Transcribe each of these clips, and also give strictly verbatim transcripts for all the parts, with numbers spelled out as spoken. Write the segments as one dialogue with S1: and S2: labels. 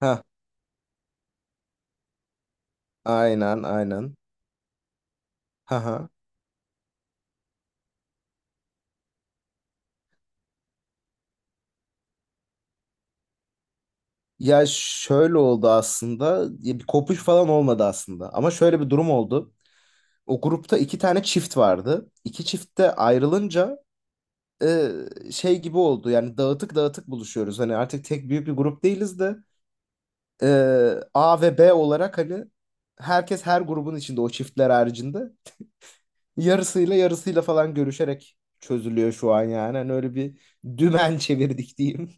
S1: Ha, aynen aynen. Ha ha. Ya şöyle oldu aslında. Ya bir kopuş falan olmadı aslında. Ama şöyle bir durum oldu. O grupta iki tane çift vardı. İki çift de ayrılınca e, şey gibi oldu. Yani dağıtık dağıtık buluşuyoruz. Hani artık tek büyük bir grup değiliz de e, A ve B olarak hani herkes her grubun içinde o çiftler haricinde yarısıyla yarısıyla falan görüşerek çözülüyor şu an yani. Hani öyle bir dümen çevirdik diyeyim.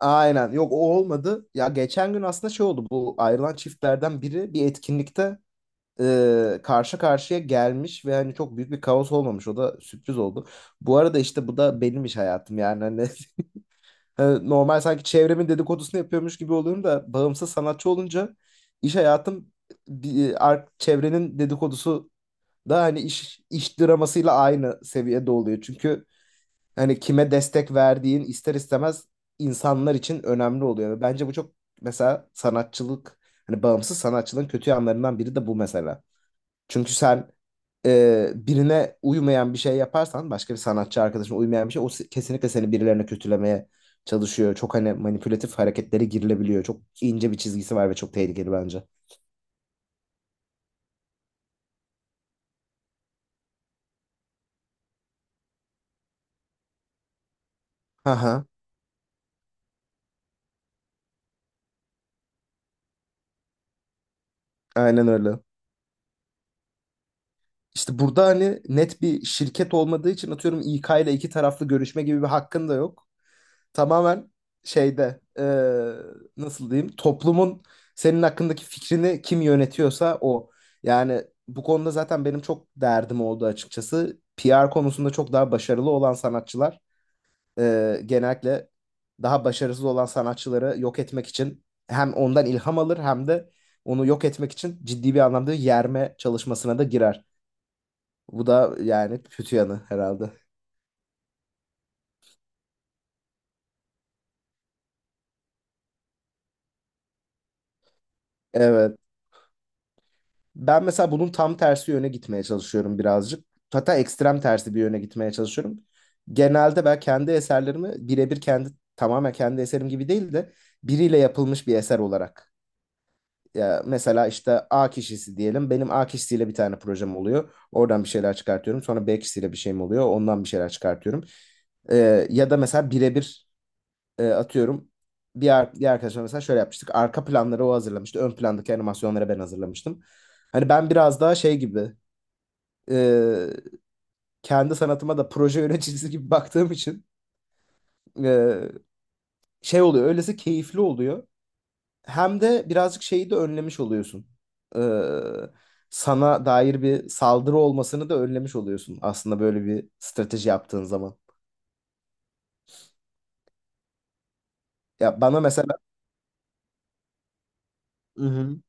S1: Aynen. Yok, o olmadı. Ya geçen gün aslında şey oldu. Bu ayrılan çiftlerden biri bir etkinlikte e, karşı karşıya gelmiş ve hani çok büyük bir kaos olmamış. O da sürpriz oldu. Bu arada işte bu da benim iş hayatım yani. Hani, e, normal sanki çevremin dedikodusunu yapıyormuş gibi oluyorum da bağımsız sanatçı olunca iş hayatım bir, e, ar- çevrenin dedikodusu da hani iş, iş dramasıyla aynı seviyede oluyor. Çünkü hani kime destek verdiğin ister istemez insanlar için önemli oluyor. Ve bence bu çok, mesela sanatçılık, hani bağımsız sanatçılığın kötü yanlarından biri de bu mesela. Çünkü sen e, birine uymayan bir şey yaparsan, başka bir sanatçı arkadaşına uymayan bir şey, o se- kesinlikle seni birilerine kötülemeye çalışıyor. Çok hani manipülatif hareketlere girilebiliyor. Çok ince bir çizgisi var ve çok tehlikeli bence. Aha, aynen öyle. İşte burada hani net bir şirket olmadığı için, atıyorum, İ K ile iki taraflı görüşme gibi bir hakkın da yok. Tamamen şeyde, eee, nasıl diyeyim, toplumun senin hakkındaki fikrini kim yönetiyorsa o. Yani bu konuda zaten benim çok derdim oldu açıkçası. P R konusunda çok daha başarılı olan sanatçılar eee, genellikle daha başarısız olan sanatçıları yok etmek için hem ondan ilham alır hem de onu yok etmek için ciddi bir anlamda yerme çalışmasına da girer. Bu da yani kötü yanı herhalde. Evet. Ben mesela bunun tam tersi yöne gitmeye çalışıyorum birazcık. Hatta ekstrem tersi bir yöne gitmeye çalışıyorum. Genelde ben kendi eserlerimi birebir kendi, tamamen kendi eserim gibi değil de biriyle yapılmış bir eser olarak. Ya mesela işte A kişisi diyelim. Benim A kişisiyle bir tane projem oluyor. Oradan bir şeyler çıkartıyorum. Sonra B kişisiyle bir şeyim oluyor. Ondan bir şeyler çıkartıyorum. Ee, ya da mesela birebir, e, atıyorum, bir, ar- bir arkadaşımla mesela şöyle yapmıştık. Arka planları o hazırlamıştı. Ön plandaki animasyonları ben hazırlamıştım. Hani ben biraz daha şey gibi, e, kendi sanatıma da proje yöneticisi gibi baktığım için e, şey oluyor. Öylesi keyifli oluyor. Hem de birazcık şeyi de önlemiş oluyorsun. E, sana dair bir saldırı olmasını da önlemiş oluyorsun aslında, böyle bir strateji yaptığın zaman. Ya bana mesela. Hı hı.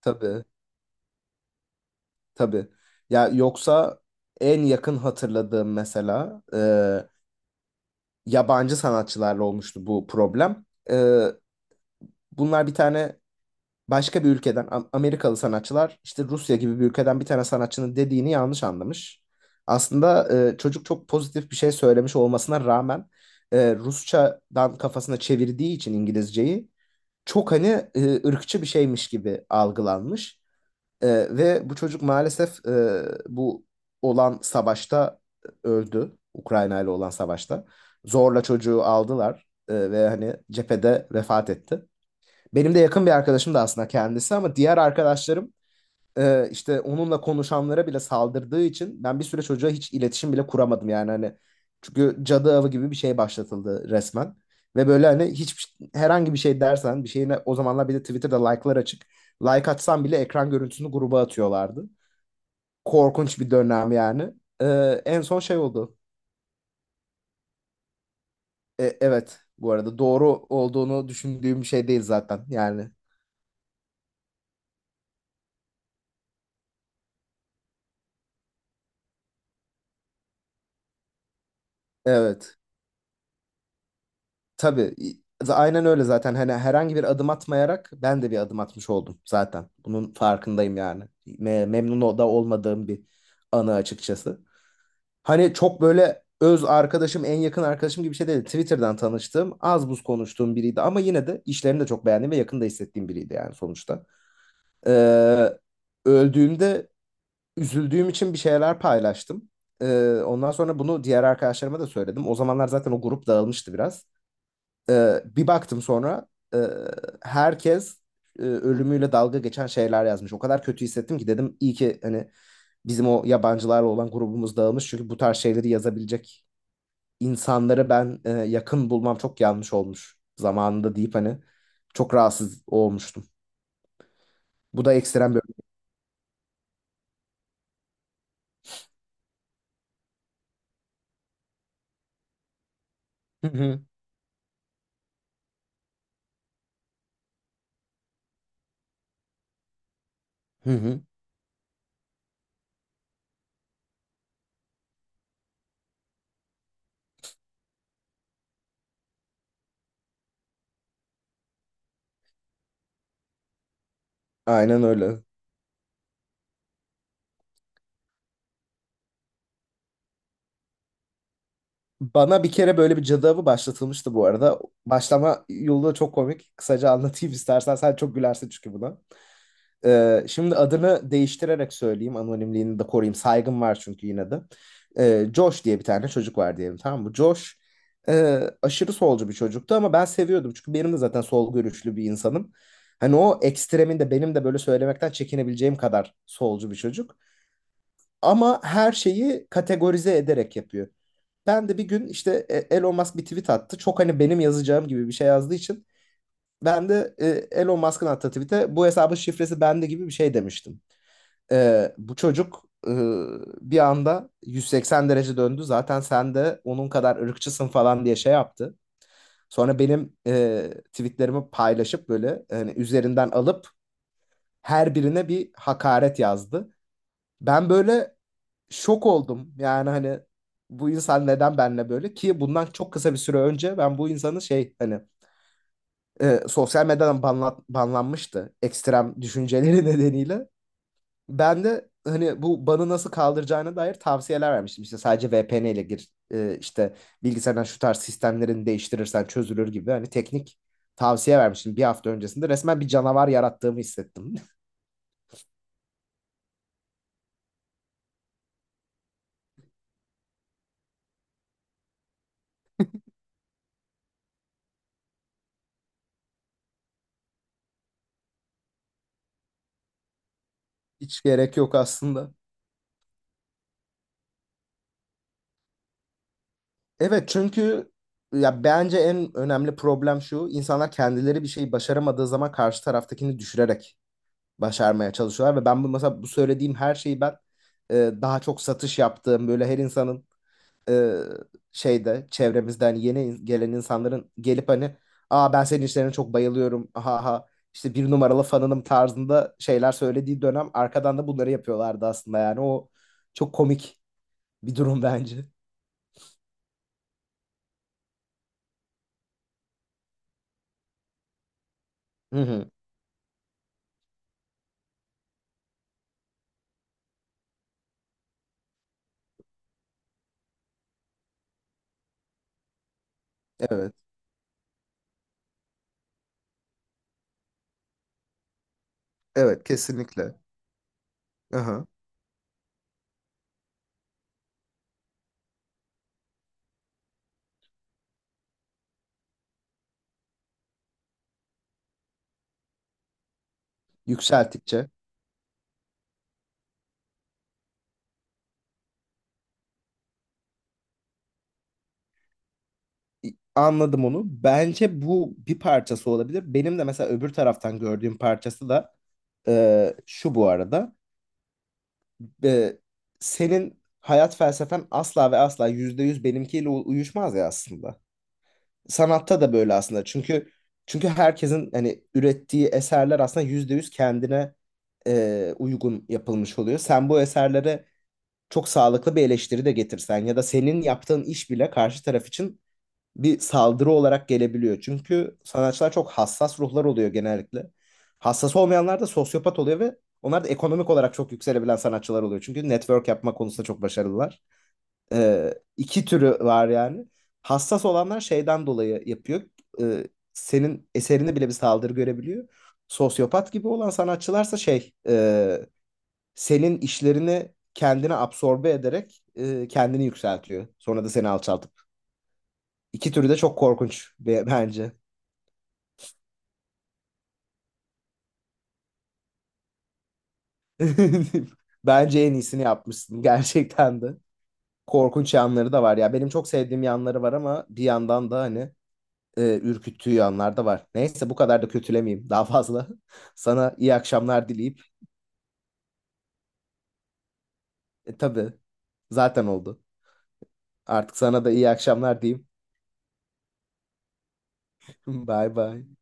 S1: Tabii. Tabii. Ya yoksa en yakın hatırladığım, mesela e, yabancı sanatçılarla olmuştu bu problem. E, bunlar bir tane başka bir ülkeden Am- Amerikalı sanatçılar, işte Rusya gibi bir ülkeden bir tane sanatçının dediğini yanlış anlamış. Aslında e, çocuk çok pozitif bir şey söylemiş olmasına rağmen e, Rusçadan kafasına çevirdiği için İngilizceyi, çok hani e, ırkçı bir şeymiş gibi algılanmış. Ee, ve bu çocuk maalesef e, bu olan savaşta öldü. Ukrayna ile olan savaşta. Zorla çocuğu aldılar e, ve hani cephede vefat etti. Benim de yakın bir arkadaşım da aslında kendisi, ama diğer arkadaşlarım e, işte onunla konuşanlara bile saldırdığı için ben bir süre çocuğa hiç iletişim bile kuramadım yani hani, çünkü cadı avı gibi bir şey başlatıldı resmen. Ve böyle hani hiç herhangi bir şey dersen bir şeyine, o zamanlar bir de Twitter'da like'lar açık, like atsan bile ekran görüntüsünü gruba atıyorlardı. Korkunç bir dönem yani. E, en son şey oldu. E, evet, bu arada doğru olduğunu düşündüğüm şey değil zaten yani. Evet. Tabii. i- Aynen öyle zaten. Hani herhangi bir adım atmayarak ben de bir adım atmış oldum zaten. Bunun farkındayım yani. Me- memnun o- da olmadığım bir anı açıkçası. Hani çok böyle öz arkadaşım, en yakın arkadaşım gibi bir şey değil. Twitter'dan tanıştığım, az buz konuştuğum biriydi, ama yine de işlerini de çok beğendiğim ve yakında hissettiğim biriydi yani sonuçta. Ee, öldüğümde üzüldüğüm için bir şeyler paylaştım. Ee, ondan sonra bunu diğer arkadaşlarıma da söyledim. O zamanlar zaten o grup dağılmıştı biraz. Ee, bir baktım sonra, e, herkes e, ölümüyle dalga geçen şeyler yazmış. O kadar kötü hissettim ki dedim, iyi ki hani bizim o yabancılarla olan grubumuz dağılmış. Çünkü bu tarz şeyleri yazabilecek insanları ben e, yakın bulmam çok yanlış olmuş zamanında, deyip hani çok rahatsız olmuştum. Bu da ekstrem bir... Hı hı, hı hı. Aynen öyle. Bana bir kere böyle bir cadı avı başlatılmıştı bu arada. Başlama yolu da çok komik. Kısaca anlatayım istersen. Sen çok gülersin çünkü buna. Ee, şimdi adını değiştirerek söyleyeyim. Anonimliğini de koruyayım. Saygım var çünkü yine de. Ee, Josh diye bir tane çocuk var diyelim, tamam mı? Josh e, aşırı solcu bir çocuktu ama ben seviyordum. Çünkü benim de zaten sol görüşlü bir insanım. Hani o ekstreminde, benim de böyle söylemekten çekinebileceğim kadar solcu bir çocuk. Ama her şeyi kategorize ederek yapıyor. Ben de bir gün işte, e, Elon Musk bir tweet attı. Çok hani benim yazacağım gibi bir şey yazdığı için ben de e, Elon Musk'ın attığı tweet'e "bu hesabın şifresi bende" gibi bir şey demiştim. Ee, bu çocuk e, bir anda yüz seksen derece döndü. "Zaten sen de onun kadar ırkçısın" falan diye şey yaptı. Sonra benim e, tweetlerimi paylaşıp böyle hani üzerinden alıp her birine bir hakaret yazdı. Ben böyle şok oldum. Yani hani bu insan neden benimle böyle? Ki bundan çok kısa bir süre önce ben bu insanı şey hani e, sosyal medyadan banla- banlanmıştı ekstrem düşünceleri nedeniyle. Ben de hani bu banı nasıl kaldıracağına dair tavsiyeler vermiştim. İşte sadece V P N ile gir, e, işte bilgisayardan şu tarz sistemlerini değiştirirsen çözülür gibi hani teknik tavsiye vermiştim bir hafta öncesinde. Resmen bir canavar yarattığımı hissettim. Hiç gerek yok aslında. Evet, çünkü ya bence en önemli problem şu. İnsanlar kendileri bir şeyi başaramadığı zaman karşı taraftakini düşürerek başarmaya çalışıyorlar. Ve ben bu, mesela bu söylediğim her şeyi ben e, daha çok satış yaptığım böyle her insanın, e, şeyde, çevremizden yeni in- gelen insanların gelip hani, "aa ben senin işlerine çok bayılıyorum, ha ha, işte bir numaralı fanınım" tarzında şeyler söylediği dönem, arkadan da bunları yapıyorlardı aslında. Yani o çok komik bir durum bence. Hı hı. Evet. Evet, kesinlikle. Aha. Yükselttikçe. İ- Anladım onu. Bence bu bir parçası olabilir. Benim de mesela öbür taraftan gördüğüm parçası da e, şu, bu arada. e, senin hayat felsefen asla ve asla yüzde yüz benimkiyle u- uyuşmaz ya aslında. Sanatta da böyle aslında. Çünkü çünkü herkesin hani ürettiği eserler aslında yüzde yüz kendine e, uygun yapılmış oluyor. Sen bu eserlere çok sağlıklı bir eleştiri de getirsen, ya da senin yaptığın iş bile karşı taraf için bir saldırı olarak gelebiliyor. Çünkü sanatçılar çok hassas ruhlar oluyor genellikle. Hassas olmayanlar da sosyopat oluyor, ve onlar da ekonomik olarak çok yükselebilen sanatçılar oluyor. Çünkü network yapma konusunda çok başarılılar. Ee, iki türü var yani. Hassas olanlar şeyden dolayı yapıyor. Ee, senin eserini bile bir saldırı görebiliyor. Sosyopat gibi olan sanatçılarsa şey, e, senin işlerini kendine absorbe ederek e, kendini yükseltiyor. Sonra da seni alçaltıp... İki türü de çok korkunç be- bence. Bence en iyisini yapmışsın gerçekten de. Korkunç yanları da var ya. Benim çok sevdiğim yanları var ama bir yandan da hani e, ürküttüğü yanlar da var. Neyse, bu kadar da kötülemeyeyim daha fazla. Sana iyi akşamlar dileyip, e, tabii zaten oldu. Artık sana da iyi akşamlar diyeyim. Bye bye.